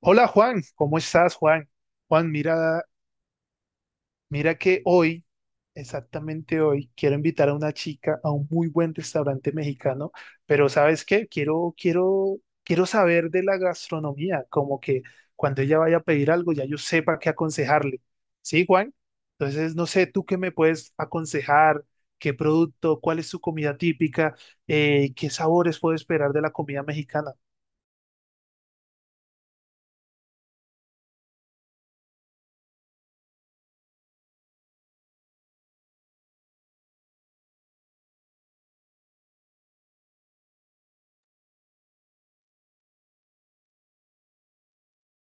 Hola Juan, ¿cómo estás Juan? Juan, mira, mira que hoy, exactamente hoy, quiero invitar a una chica a un muy buen restaurante mexicano, pero ¿sabes qué? Quiero saber de la gastronomía, como que cuando ella vaya a pedir algo ya yo sepa qué aconsejarle. ¿Sí, Juan? Entonces, no sé, ¿tú qué me puedes aconsejar? ¿Qué producto? ¿Cuál es su comida típica? ¿Qué sabores puedo esperar de la comida mexicana?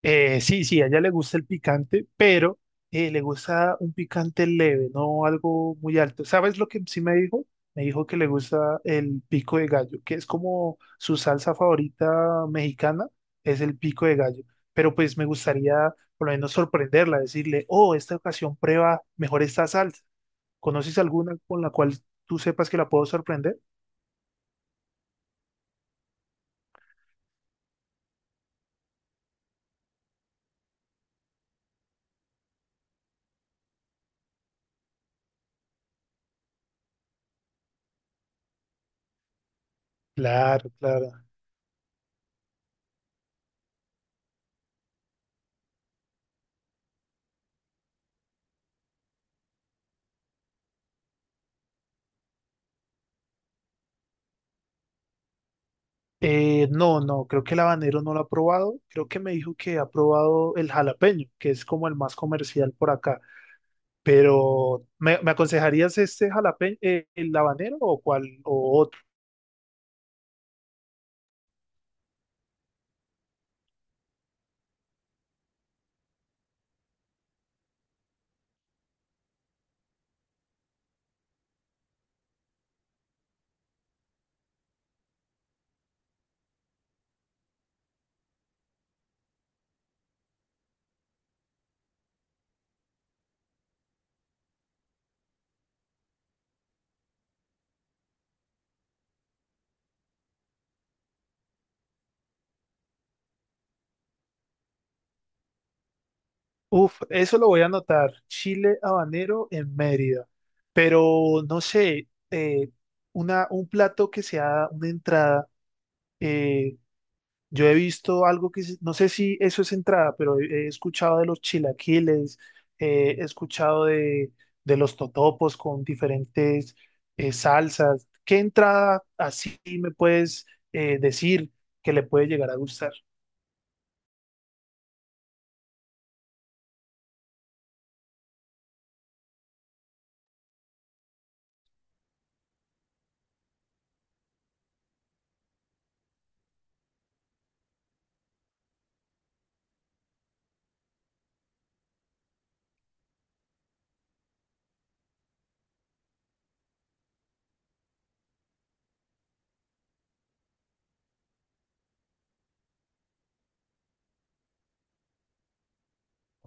Sí, sí, a ella le gusta el picante, pero le gusta un picante leve, no algo muy alto. ¿Sabes lo que sí me dijo? Me dijo que le gusta el pico de gallo, que es como su salsa favorita mexicana, es el pico de gallo. Pero pues me gustaría por lo menos sorprenderla, decirle, oh, esta ocasión prueba mejor esta salsa. ¿Conoces alguna con la cual tú sepas que la puedo sorprender? Claro, claro. No, no, creo que el habanero no lo ha probado. Creo que me dijo que ha probado el jalapeño, que es como el más comercial por acá. Pero, ¿me aconsejarías este jalapeño, el habanero o cuál o otro? Uf, eso lo voy a anotar. Chile habanero en Mérida. Pero, no sé, un plato que sea una entrada. eh, Yo he visto algo no sé si eso es entrada, pero he escuchado de los chilaquiles, eh, he escuchado de, de los totopos con diferentes salsas. ¿Qué entrada así me puedes decir que le puede llegar a gustar?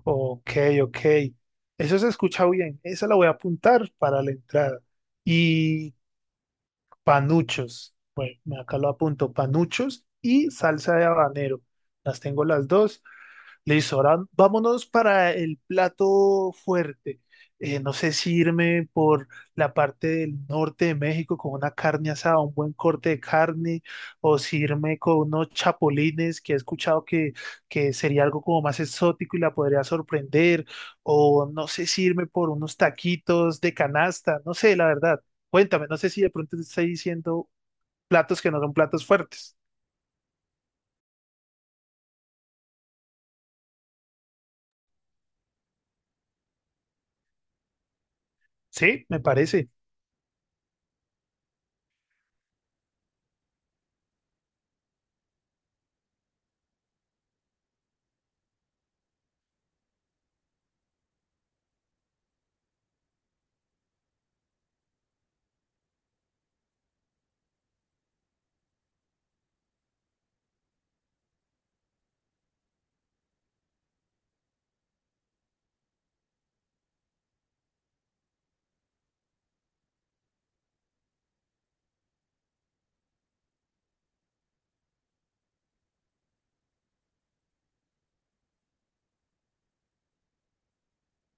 Ok, ok. Eso se escucha bien. Esa la voy a apuntar para la entrada. Y panuchos. Bueno, acá lo apunto. Panuchos y salsa de habanero. Las tengo las dos. Listo, ahora vámonos para el plato fuerte. No sé si irme por la parte del norte de México con una carne asada, un buen corte de carne, o si irme con unos chapulines que he escuchado que sería algo como más exótico y la podría sorprender, o no sé si irme por unos taquitos de canasta, no sé, la verdad. Cuéntame, no sé si de pronto te estoy diciendo platos que no son platos fuertes. Sí, me parece.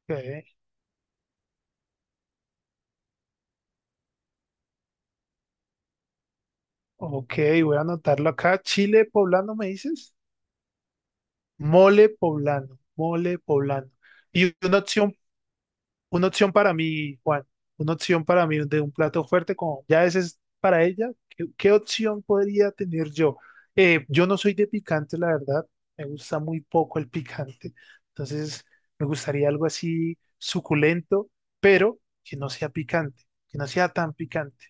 Ok. Ok, voy a anotarlo acá. Chile poblano, ¿me dices? Mole poblano, mole poblano. Y una opción para mí, Juan, una opción para mí de un plato fuerte, como ya ese es para ella. ¿Qué opción podría tener yo? Yo no soy de picante, la verdad. Me gusta muy poco el picante. Entonces, me gustaría algo así suculento, pero que no sea picante, que no sea tan picante.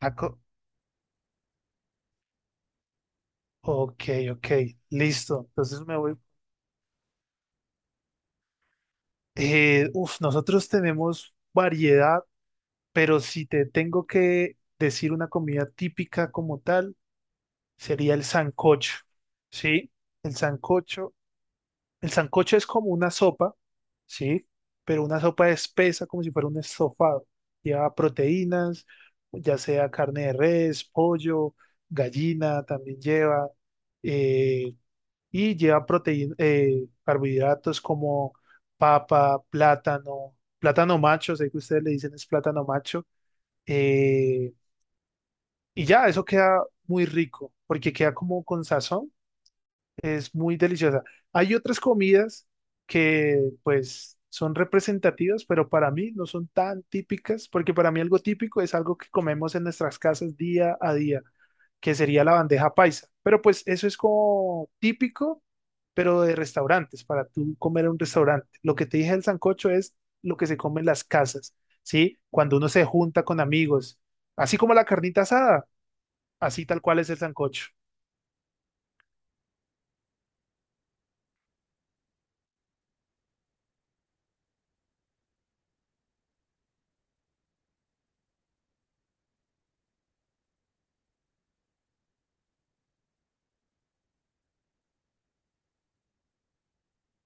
Taco. Ok, ok, listo. Entonces me voy. Nosotros tenemos variedad, pero si te tengo que decir una comida típica como tal, sería el sancocho, ¿sí? El sancocho, el sancocho es como una sopa, ¿sí? Pero una sopa espesa como si fuera un estofado. Lleva proteínas, ya sea carne de res, pollo, gallina, también lleva. eh, y lleva proteína, carbohidratos como papa, plátano, plátano macho, sé que ustedes le dicen es plátano macho, eh, y ya, eso queda muy rico, porque queda como con sazón, es muy deliciosa. Hay otras comidas que pues son representativas, pero para mí no son tan típicas, porque para mí algo típico es algo que comemos en nuestras casas día a día, que sería la bandeja paisa. Pero pues eso es como típico, pero de restaurantes, para tú comer en un restaurante. Lo que te dije del sancocho es lo que se come en las casas, ¿sí? Cuando uno se junta con amigos, así como la carnita asada, así tal cual es el sancocho.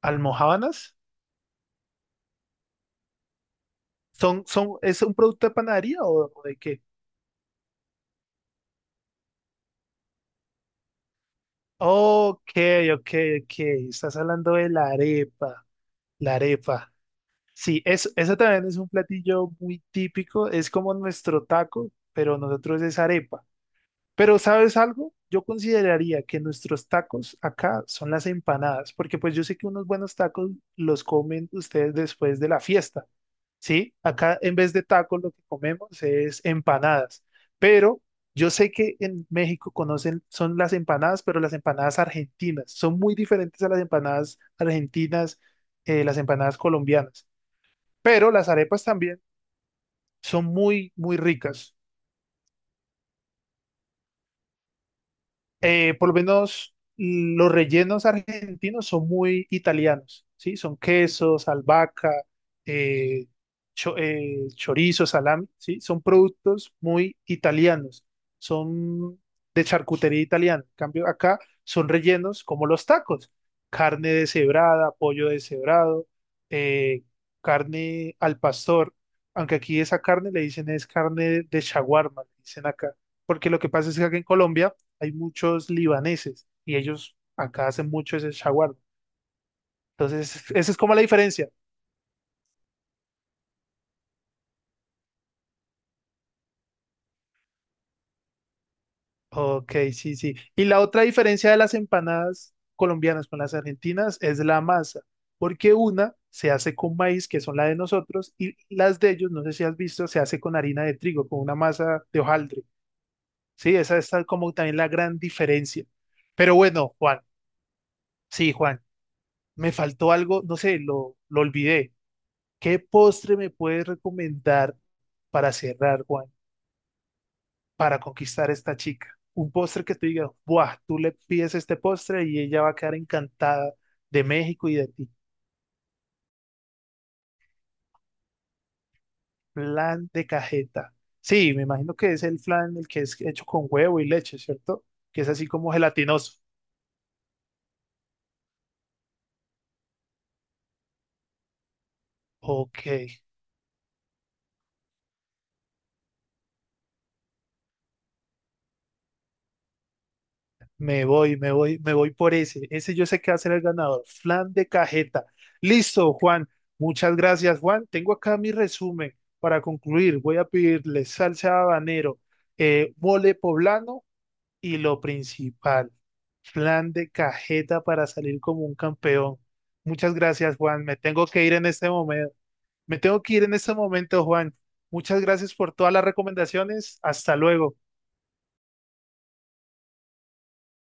¿Almojábanas? Es un producto de panadería o de qué? Ok, ok, ok. Estás hablando de la arepa. La arepa. Sí, es, eso también es un platillo muy típico. Es como nuestro taco, pero nosotros es arepa. Pero ¿sabes algo? Yo consideraría que nuestros tacos acá son las empanadas, porque pues yo sé que unos buenos tacos los comen ustedes después de la fiesta. Sí, acá en vez de tacos lo que comemos es empanadas, pero yo sé que en México conocen, son las empanadas, pero las empanadas argentinas son muy diferentes a las empanadas argentinas, las empanadas colombianas, pero las arepas también son muy, muy ricas. Por lo menos los rellenos argentinos son muy italianos, ¿sí? Son quesos, albahaca, eh, chorizo, salami, ¿sí? Son productos muy italianos, son de charcutería italiana. En cambio, acá son rellenos como los tacos, carne deshebrada, pollo deshebrado, eh, carne al pastor, aunque aquí esa carne le dicen es carne de shawarma, le dicen acá, porque lo que pasa es que acá en Colombia hay muchos libaneses y ellos acá hacen mucho ese shawarma. Entonces, esa es como la diferencia. Ok, sí, sí. Y la otra diferencia de las empanadas colombianas con las argentinas es la masa, porque una se hace con maíz, que son la de nosotros, y las de ellos, no sé si has visto, se hace con harina de trigo, con una masa de hojaldre. Sí, esa es tal como también la gran diferencia. Pero bueno, Juan, sí, Juan, me faltó algo, no sé, lo olvidé. ¿Qué postre me puedes recomendar para cerrar, Juan, para conquistar a esta chica? Un postre que tú digas, ¡buah! Tú le pides este postre y ella va a quedar encantada de México y de ti. Flan de cajeta. Sí, me imagino que es el flan el que es hecho con huevo y leche, ¿cierto? Que es así como gelatinoso. Ok. Me voy por ese. Ese yo sé que va a ser el ganador. Flan de cajeta. Listo, Juan. Muchas gracias, Juan. Tengo acá mi resumen. Para concluir, voy a pedirle salsa de habanero, mole poblano y lo principal, flan de cajeta para salir como un campeón. Muchas gracias, Juan. Me tengo que ir en este momento. Me tengo que ir en este momento, Juan. Muchas gracias por todas las recomendaciones. Hasta luego.